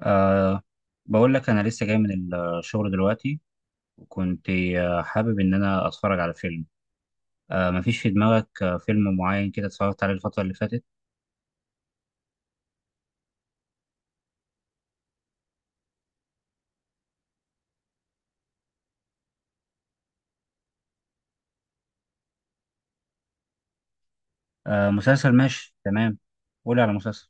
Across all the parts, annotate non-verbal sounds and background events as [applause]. أه، بقول لك أنا لسه جاي من الشغل دلوقتي وكنت حابب إن أنا أتفرج على فيلم. أه، مفيش في دماغك فيلم معين كده اتفرجت عليه الفترة اللي فاتت؟ أه، مسلسل ماشي تمام. قولي على مسلسل.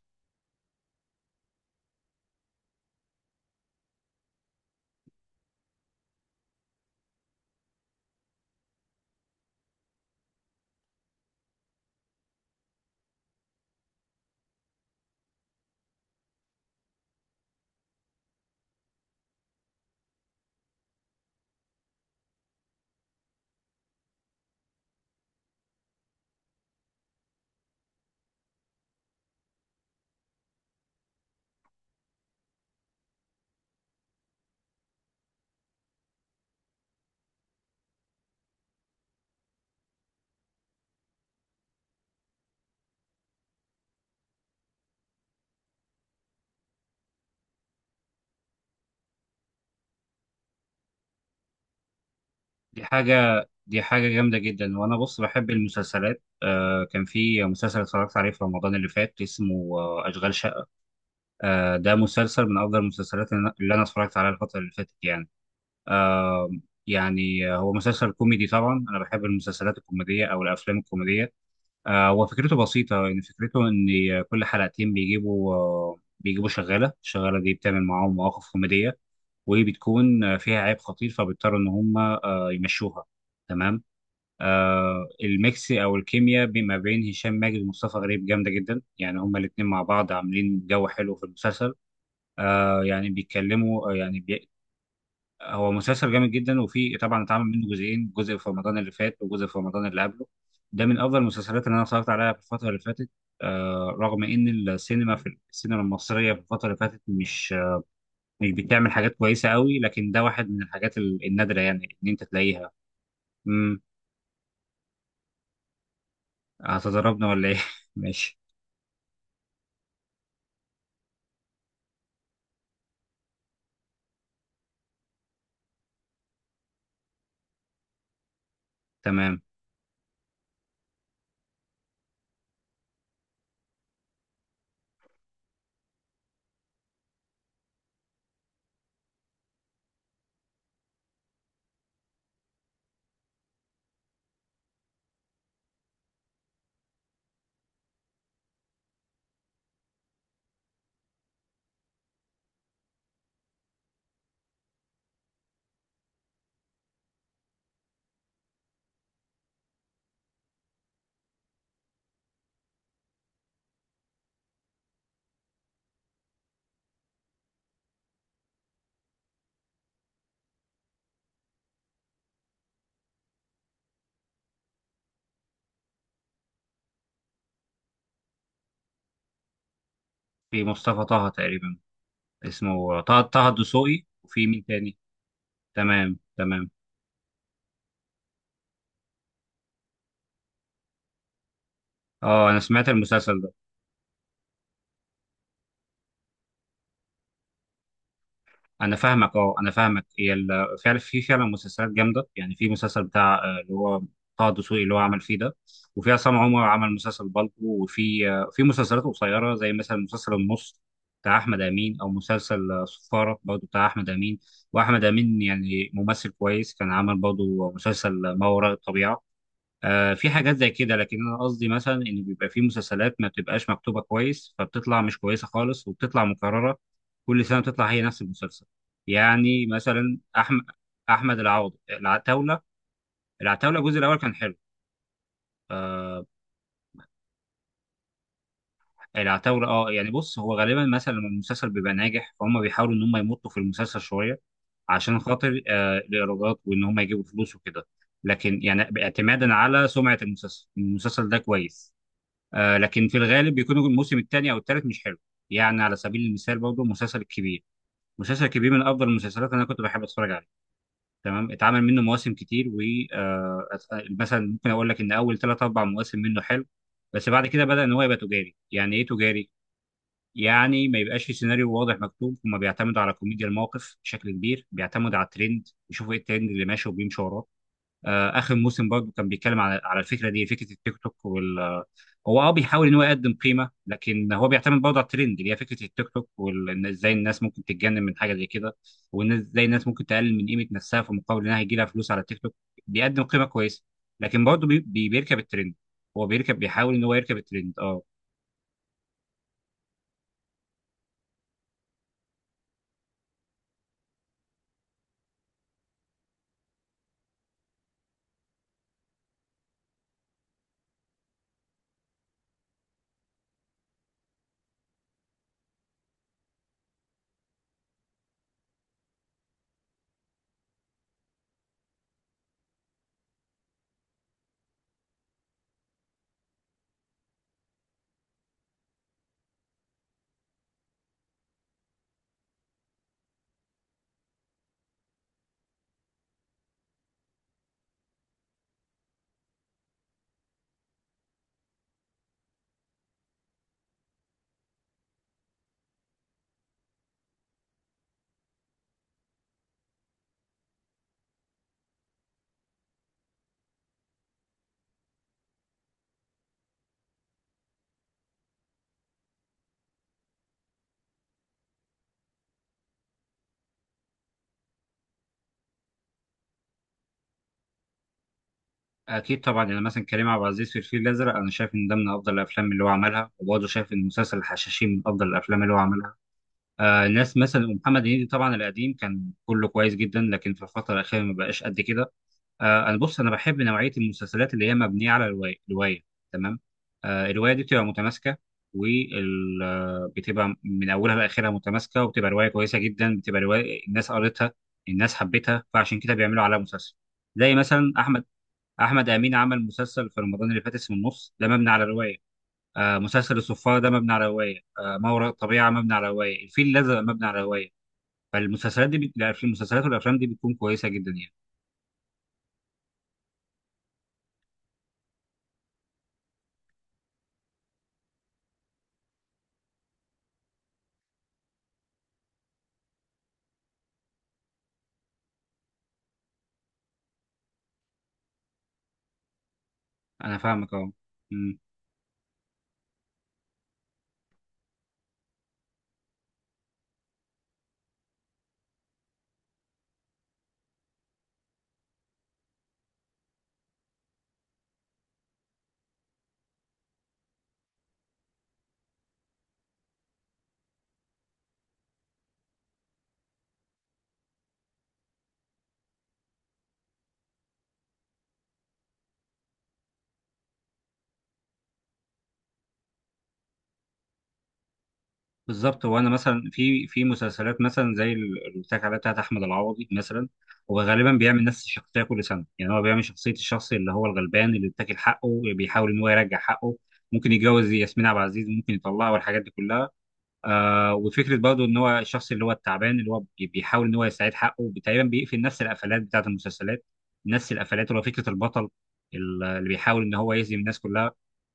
دي حاجة جامدة جدا، وأنا بص بحب المسلسلات. كان في مسلسل اتفرجت عليه في رمضان اللي فات اسمه أشغال شقة. ده مسلسل من أفضل المسلسلات اللي أنا اتفرجت عليها الفترة اللي فاتت يعني. آه. يعني هو مسلسل كوميدي، طبعا انا بحب المسلسلات الكوميديه او الافلام الكوميديه. هو فكرته بسيطه، يعني فكرته ان كل حلقتين بيجيبوا شغاله، الشغاله دي بتعمل معاهم مواقف كوميديه، وبتكون فيها عيب خطير، فبيضطروا ان هم يمشوها. تمام. الميكس او الكيمياء ما بين هشام ماجد ومصطفى غريب جامده جدا، يعني هما الاثنين مع بعض عاملين جو حلو في المسلسل. يعني بيتكلموا، يعني هو مسلسل جامد جدا، وفي طبعا اتعمل منه جزئين، جزء في رمضان اللي فات وجزء في رمضان اللي قبله. ده من افضل المسلسلات اللي انا اتفرجت عليها في الفتره اللي فاتت. رغم ان في السينما المصريه في الفتره اللي فاتت مش بتعمل حاجات كويسه قوي، لكن ده واحد من الحاجات النادره يعني ان انت تلاقيها. امم. هتضربنا ولا ايه؟ [laughs] ماشي. تمام. في مصطفى طه تقريبا، اسمه طه الدسوقي. وفي مين تاني؟ تمام تمام. اه، انا سمعت المسلسل ده. انا فاهمك. هي في فعلا مسلسلات جامده، يعني في مسلسل بتاع اللي هو طه دسوقي اللي هو عمل فيه ده، وفي عصام عمر عمل مسلسل بالطو، وفي آه، في مسلسلات قصيره زي مثلا مسلسل النص بتاع احمد امين، او مسلسل صفاره برضه بتاع احمد امين، واحمد امين يعني ممثل كويس، كان عمل برضه مسلسل ما وراء الطبيعه. في حاجات زي كده، لكن انا قصدي مثلا ان بيبقى في مسلسلات ما بتبقاش مكتوبه كويس، فبتطلع مش كويسه خالص وبتطلع مكرره. كل سنه بتطلع هي نفس المسلسل. يعني مثلا احمد العوض، العتاوله الجزء الاول كان حلو. العتاوله، يعني بص، هو غالبا مثلا لما المسلسل بيبقى ناجح فهم بيحاولوا ان هم يمطوا في المسلسل شويه، عشان خاطر الايرادات وان هم يجيبوا فلوس وكده. لكن يعني اعتمادا على سمعه المسلسل، المسلسل ده كويس. لكن في الغالب بيكون الموسم الثاني او الثالث مش حلو. يعني على سبيل المثال برضه مسلسل الكبير. مسلسل الكبير من افضل المسلسلات اللي انا كنت بحب اتفرج عليه. تمام. اتعمل منه مواسم كتير، و آه مثلا ممكن اقول لك ان اول ثلاث اربع مواسم منه حلو. بس بعد كده بدا ان هو يبقى تجاري. يعني ايه تجاري؟ يعني ما يبقاش في سيناريو واضح مكتوب، هما بيعتمدوا على كوميديا الموقف بشكل كبير، بيعتمدوا على الترند، يشوفوا ايه الترند اللي ماشي وبيمشوا وراه. اخر موسم برضه كان بيتكلم على الفكره دي، فكره التيك توك، هو بيحاول ان هو يقدم قيمه، لكن هو بيعتمد برضه على الترند اللي هي فكره التيك توك، وازاي الناس ممكن تتجنن من حاجه زي كده. والناس، ازاي الناس ممكن تقلل من قيمه نفسها في مقابل انها هيجي لها فلوس على التيك توك. بيقدم قيمه كويسه، لكن برضه بيركب الترند. هو بيحاول ان هو يركب الترند. اه اكيد طبعا. يعني مثلا كريم عبد العزيز في الفيل الازرق، انا شايف ان ده من افضل الافلام اللي هو عملها، وبرضه شايف ان مسلسل الحشاشين من افضل الافلام اللي هو عملها. ناس مثلا محمد هنيدي، طبعا القديم كان كله كويس جدا، لكن في الفتره الاخيره ما بقاش قد كده. انا بص، انا بحب نوعيه المسلسلات اللي هي مبنيه على روايه. تمام. الروايه دي بتبقى متماسكه. وال آه، بتبقى من اولها لاخرها متماسكه، وبتبقى روايه كويسه جدا، بتبقى روايه الناس قريتها الناس حبتها، فعشان كده بيعملوا عليها مسلسل. زي مثلا احمد امين، عمل مسلسل في رمضان اللي فات اسمه النص، ده مبني على روايه. مسلسل الصفارة ده مبني على رواية. ما وراء الطبيعة مبني على رواية، الفيل الأزرق مبني على رواية. فالمسلسلات دي لا، في المسلسلات والأفلام دي بتكون كويسة جدا يعني. أنا فاهمك أه. أمم، بالظبط. هو أنا مثلا في مسلسلات مثلا زي اللي قلت لك عليها بتاعت أحمد العوضي مثلا، هو غالبا بيعمل نفس الشخصية كل سنة، يعني هو بيعمل شخصية الشخص اللي هو الغلبان، اللي بيتاكل حقه، اللي بيحاول إن هو يرجع حقه. ممكن يتجوز ياسمين عبد العزيز، ممكن يطلعها، والحاجات دي كلها. وفكره برضه ان هو الشخص اللي هو التعبان، اللي هو بيحاول ان هو يستعيد حقه. تقريبا بيقفل نفس القفلات بتاعت المسلسلات، نفس القفلات اللي هو فكره البطل اللي بيحاول ان هو يهزم الناس كلها.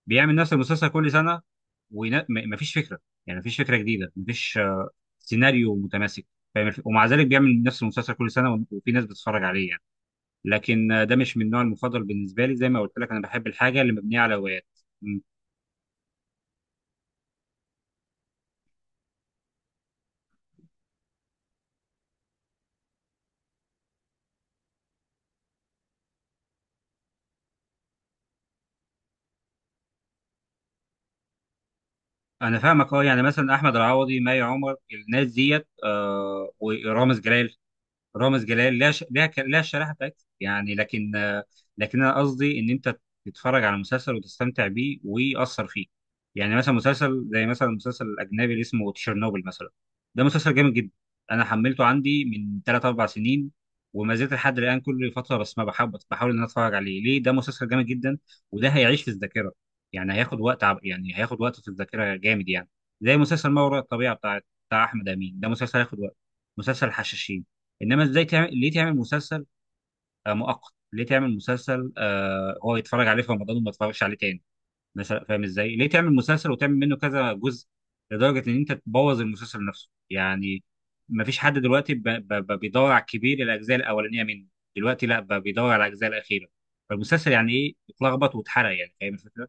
بيعمل نفس المسلسل كل سنه ومفيش فكره. يعني مفيش فكره جديده، مفيش سيناريو متماسك، فاهم؟ ومع ذلك بيعمل نفس المسلسل كل سنه، وفي ناس بتتفرج عليه يعني. لكن ده مش من النوع المفضل بالنسبه لي. زي ما قلت لك، انا بحب الحاجه اللي مبنيه على روايات. انا فاهمك. اه يعني مثلا احمد العوضي، مي عمر، الناس ديت ورامز جلال. رامز جلال لها ش... لها ك... لها الشريحه بتاعتها يعني، لكن انا قصدي ان انت تتفرج على مسلسل وتستمتع بيه ويأثر فيك. يعني مثلا مسلسل زي مثلا المسلسل الاجنبي اللي اسمه تشيرنوبل مثلا، ده مسلسل جامد جدا. انا حملته عندي من 3 4 سنين وما زلت لحد الان كل فتره، بس ما بحاول، ان انا اتفرج عليه. ليه؟ ده مسلسل جامد جدا، وده هيعيش في الذاكره. يعني هياخد وقت يعني هياخد وقت في الذاكره جامد يعني. زي مسلسل ما وراء الطبيعه بتاع احمد امين، ده مسلسل هياخد وقت. مسلسل الحشاشين. انما ازاي تعمل؟ ليه تعمل مسلسل مؤقت؟ ليه تعمل مسلسل هو يتفرج عليه في رمضان وما يتفرجش عليه تاني مثلا؟ فاهم ازاي؟ ليه تعمل مسلسل وتعمل منه كذا جزء لدرجه ان انت تبوظ المسلسل نفسه يعني؟ ما فيش حد دلوقتي بيدور على الكبير، الاجزاء الاولانيه منه. دلوقتي لا، بيدور على الاجزاء الاخيره. فالمسلسل يعني ايه؟ اتلخبط واتحرق، يعني فاهم الفكره.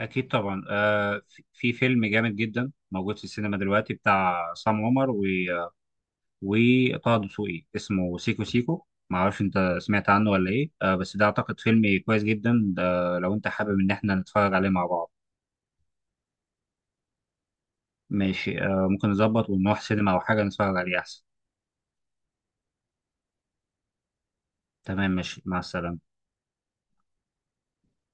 اكيد طبعا. في فيلم جامد جدا موجود في السينما دلوقتي بتاع عصام عمر وطه دسوقي، اسمه سيكو سيكو، معرفش انت سمعت عنه ولا ايه. بس ده اعتقد فيلم كويس جدا ده، لو انت حابب ان احنا نتفرج عليه مع بعض. ماشي، ممكن نظبط ونروح سينما او حاجة نتفرج عليه احسن. تمام ماشي، مع السلامة.